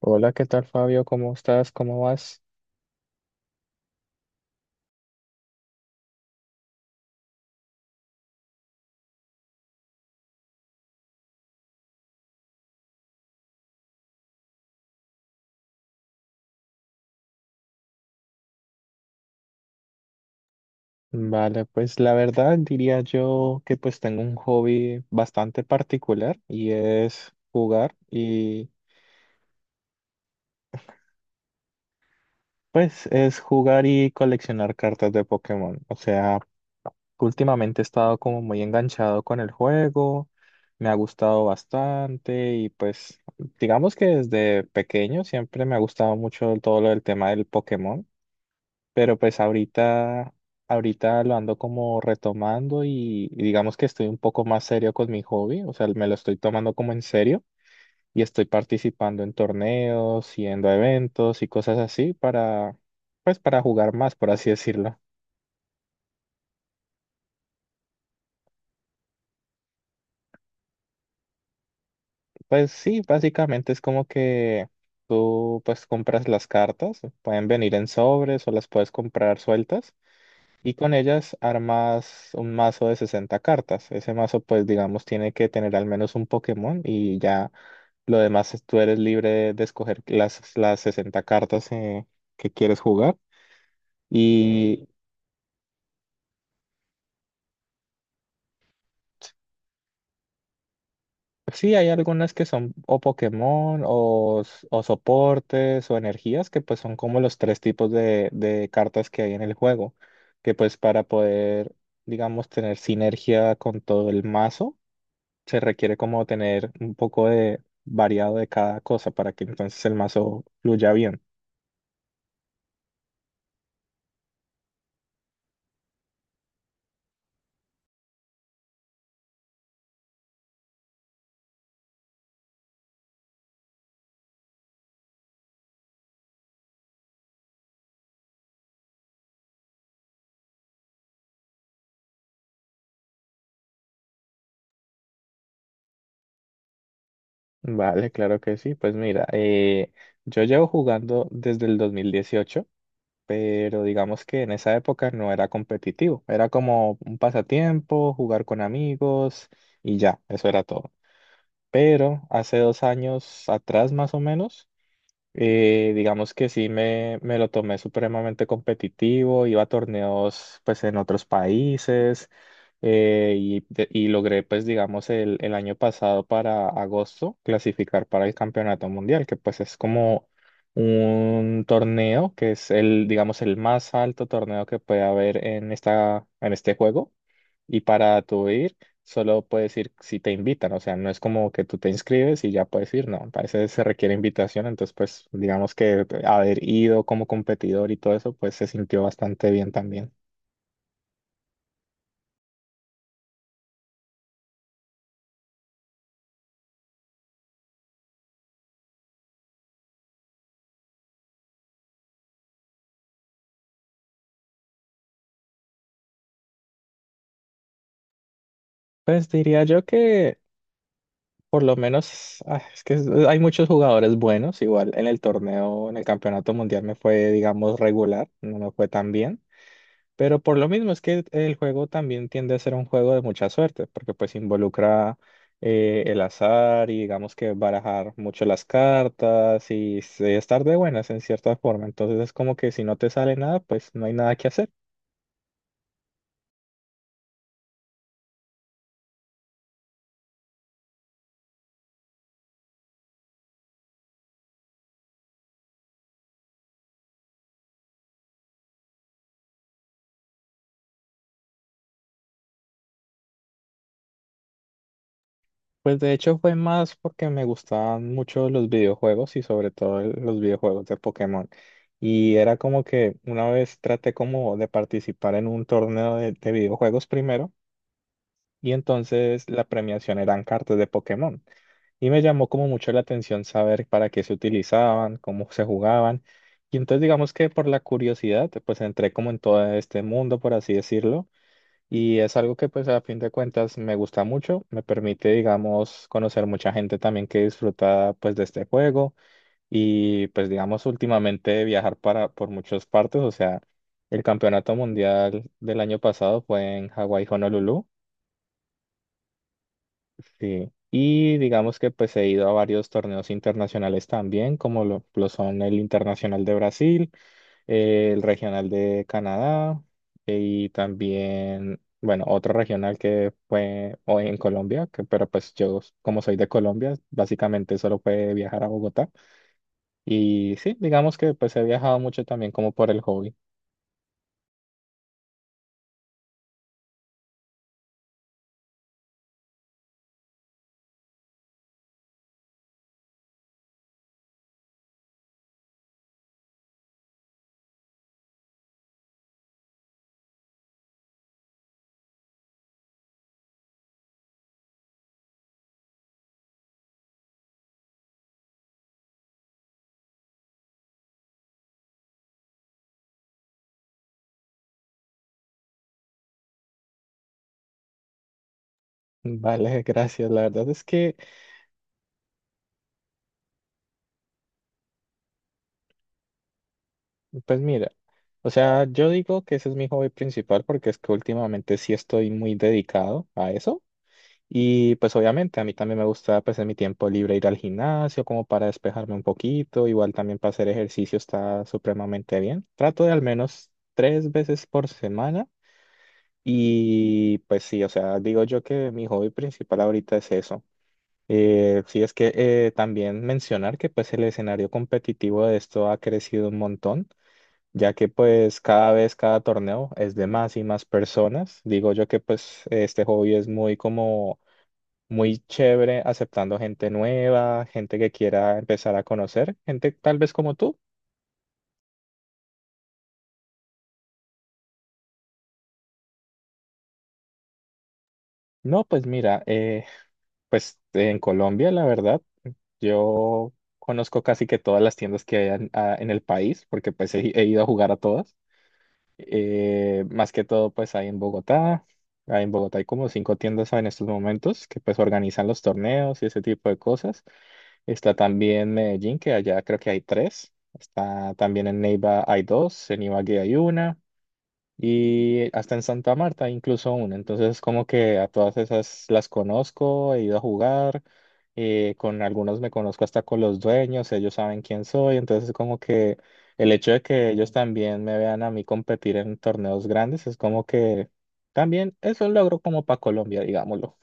Hola, ¿qué tal Fabio? ¿Cómo estás? ¿Cómo vas? Vale, pues la verdad diría yo que pues tengo un hobby bastante particular y es jugar y pues es jugar y coleccionar cartas de Pokémon. O sea, últimamente he estado como muy enganchado con el juego, me ha gustado bastante y pues digamos que desde pequeño siempre me ha gustado mucho todo lo del tema del Pokémon. Pero pues ahorita lo ando como retomando y digamos que estoy un poco más serio con mi hobby, o sea, me lo estoy tomando como en serio y estoy participando en torneos, yendo a eventos y cosas así pues para jugar más, por así decirlo. Pues sí, básicamente es como que tú pues compras las cartas, pueden venir en sobres o las puedes comprar sueltas. Y con ellas armas un mazo de 60 cartas. Ese mazo, pues digamos, tiene que tener al menos un Pokémon y ya lo demás tú eres libre de escoger las 60 cartas que quieres jugar. Y sí, hay algunas que son o Pokémon o soportes o energías que pues son como los tres tipos de cartas que hay en el juego, que pues para poder, digamos, tener sinergia con todo el mazo se requiere como tener un poco de variado de cada cosa para que entonces el mazo fluya bien. Vale, claro que sí. Pues mira, yo llevo jugando desde el 2018, pero digamos que en esa época no era competitivo. Era como un pasatiempo, jugar con amigos y ya, eso era todo. Pero hace 2 años atrás más o menos. Y digamos que sí me lo tomé supremamente competitivo, iba a torneos pues en otros países y, de- y logré pues digamos el año pasado para agosto clasificar para el Campeonato Mundial, que pues es como un torneo que es, el digamos, el más alto torneo que puede haber en este juego. Y para tú ir, solo puedes ir si te invitan, o sea, no es como que tú te inscribes y ya puedes ir, no, para veces se requiere invitación, entonces pues digamos que haber ido como competidor y todo eso, pues se sintió bastante bien también. Pues diría yo que por lo menos, es que hay muchos jugadores buenos, igual en el torneo, en el campeonato mundial me fue, digamos, regular, no me fue tan bien. Pero por lo mismo es que el juego también tiende a ser un juego de mucha suerte, porque pues involucra, el azar y digamos que barajar mucho las cartas y estar de buenas en cierta forma. Entonces es como que si no te sale nada, pues no hay nada que hacer. Pues de hecho fue más porque me gustaban mucho los videojuegos y sobre todo los videojuegos de Pokémon. Y era como que una vez traté como de participar en un torneo de videojuegos primero y entonces la premiación eran cartas de Pokémon. Y me llamó como mucho la atención saber para qué se utilizaban, cómo se jugaban. Y entonces digamos que por la curiosidad, pues entré como en todo este mundo, por así decirlo. Y es algo que pues a fin de cuentas me gusta mucho, me permite, digamos, conocer mucha gente también que disfruta pues de este juego y pues digamos últimamente viajar para por muchas partes, o sea, el campeonato mundial del año pasado fue en Hawái, Honolulu. Sí, y digamos que pues he ido a varios torneos internacionales también, como lo son el Internacional de Brasil, el Regional de Canadá, y también, bueno, otro regional que fue hoy en Colombia, que, pero pues yo como soy de Colombia, básicamente solo pude viajar a Bogotá. Y sí, digamos que pues he viajado mucho también como por el hobby. Vale, gracias. La verdad es que, pues mira, o sea, yo digo que ese es mi hobby principal porque es que últimamente sí estoy muy dedicado a eso. Y pues obviamente a mí también me gusta pues en mi tiempo libre ir al gimnasio como para despejarme un poquito, igual también para hacer ejercicio está supremamente bien. Trato de al menos tres veces por semana y pues sí, o sea, digo yo que mi hobby principal ahorita es eso. Sí, es que también mencionar que pues el escenario competitivo de esto ha crecido un montón, ya que pues cada vez, cada torneo es de más y más personas. Digo yo que pues este hobby es muy como muy chévere, aceptando gente nueva, gente que quiera empezar a conocer, gente tal vez como tú. No, pues mira, pues en Colombia, la verdad, yo conozco casi que todas las tiendas que hay en el país, porque pues he ido a jugar a todas. Más que todo, pues ahí en Bogotá. Ahí en Bogotá hay como cinco tiendas en estos momentos que pues organizan los torneos y ese tipo de cosas. Está también Medellín, que allá creo que hay tres. Está también en Neiva hay dos, en Ibagué hay una. Y hasta en Santa Marta incluso una. Entonces como que a todas esas las conozco, he ido a jugar, con algunos me conozco hasta con los dueños, ellos saben quién soy. Entonces como que el hecho de que ellos también me vean a mí competir en torneos grandes es como que también es un logro como para Colombia, digámoslo.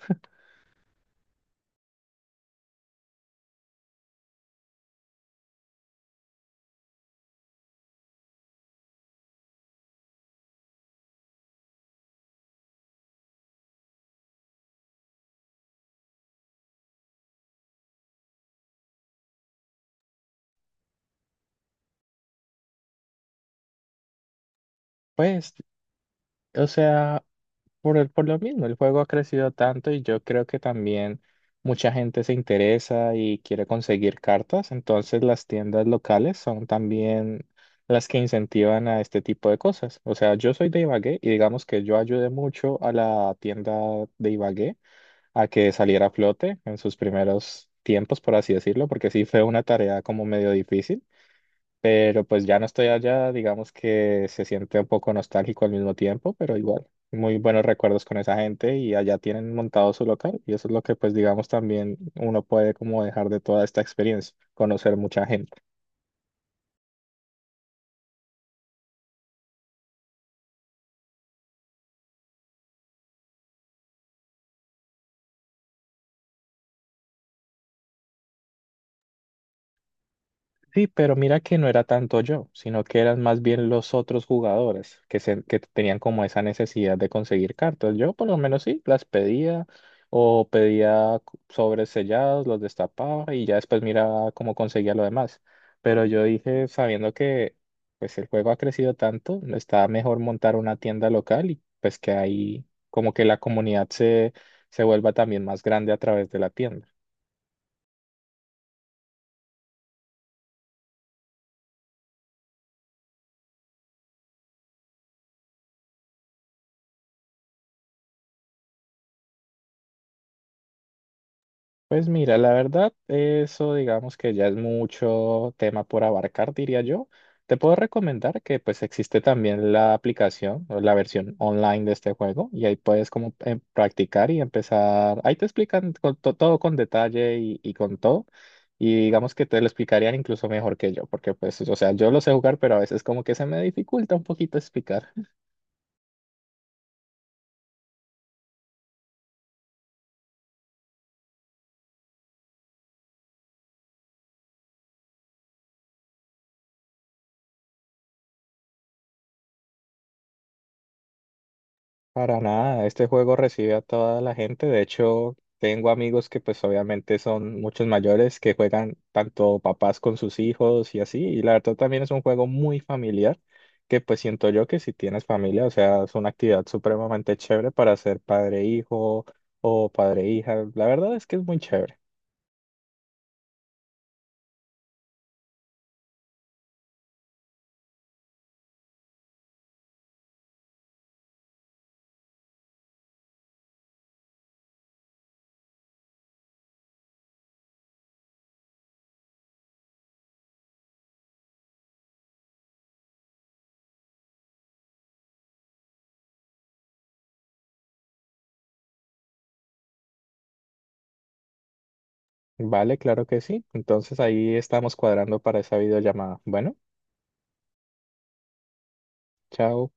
Pues, o sea, por lo mismo, el juego ha crecido tanto y yo creo que también mucha gente se interesa y quiere conseguir cartas, entonces las tiendas locales son también las que incentivan a este tipo de cosas. O sea, yo soy de Ibagué y digamos que yo ayudé mucho a la tienda de Ibagué a que saliera a flote en sus primeros tiempos, por así decirlo, porque sí fue una tarea como medio difícil, pero pues ya no estoy allá, digamos que se siente un poco nostálgico al mismo tiempo, pero igual, muy buenos recuerdos con esa gente y allá tienen montado su local y eso es lo que pues digamos también uno puede como dejar de toda esta experiencia, conocer mucha gente. Sí, pero mira que no era tanto yo, sino que eran más bien los otros jugadores que tenían como esa necesidad de conseguir cartas. Yo por lo menos sí, las pedía o pedía sobres sellados, los destapaba y ya después miraba cómo conseguía lo demás. Pero yo dije, sabiendo que pues el juego ha crecido tanto, está mejor montar una tienda local y pues que ahí como que la comunidad se vuelva también más grande a través de la tienda. Pues mira, la verdad, eso digamos que ya es mucho tema por abarcar, diría yo. Te puedo recomendar que pues existe también la aplicación o la versión online de este juego y ahí puedes como practicar y empezar. Ahí te explican con todo con detalle y con todo. Y digamos que te lo explicarían incluso mejor que yo, porque pues, o sea, yo lo sé jugar, pero a veces como que se me dificulta un poquito explicar. Para nada, este juego recibe a toda la gente. De hecho, tengo amigos que pues obviamente son muchos mayores que juegan tanto papás con sus hijos y así. Y la verdad también es un juego muy familiar que pues siento yo que si tienes familia, o sea, es una actividad supremamente chévere para ser padre-hijo o padre-hija. La verdad es que es muy chévere. Vale, claro que sí. Entonces ahí estamos cuadrando para esa videollamada. Bueno, chao.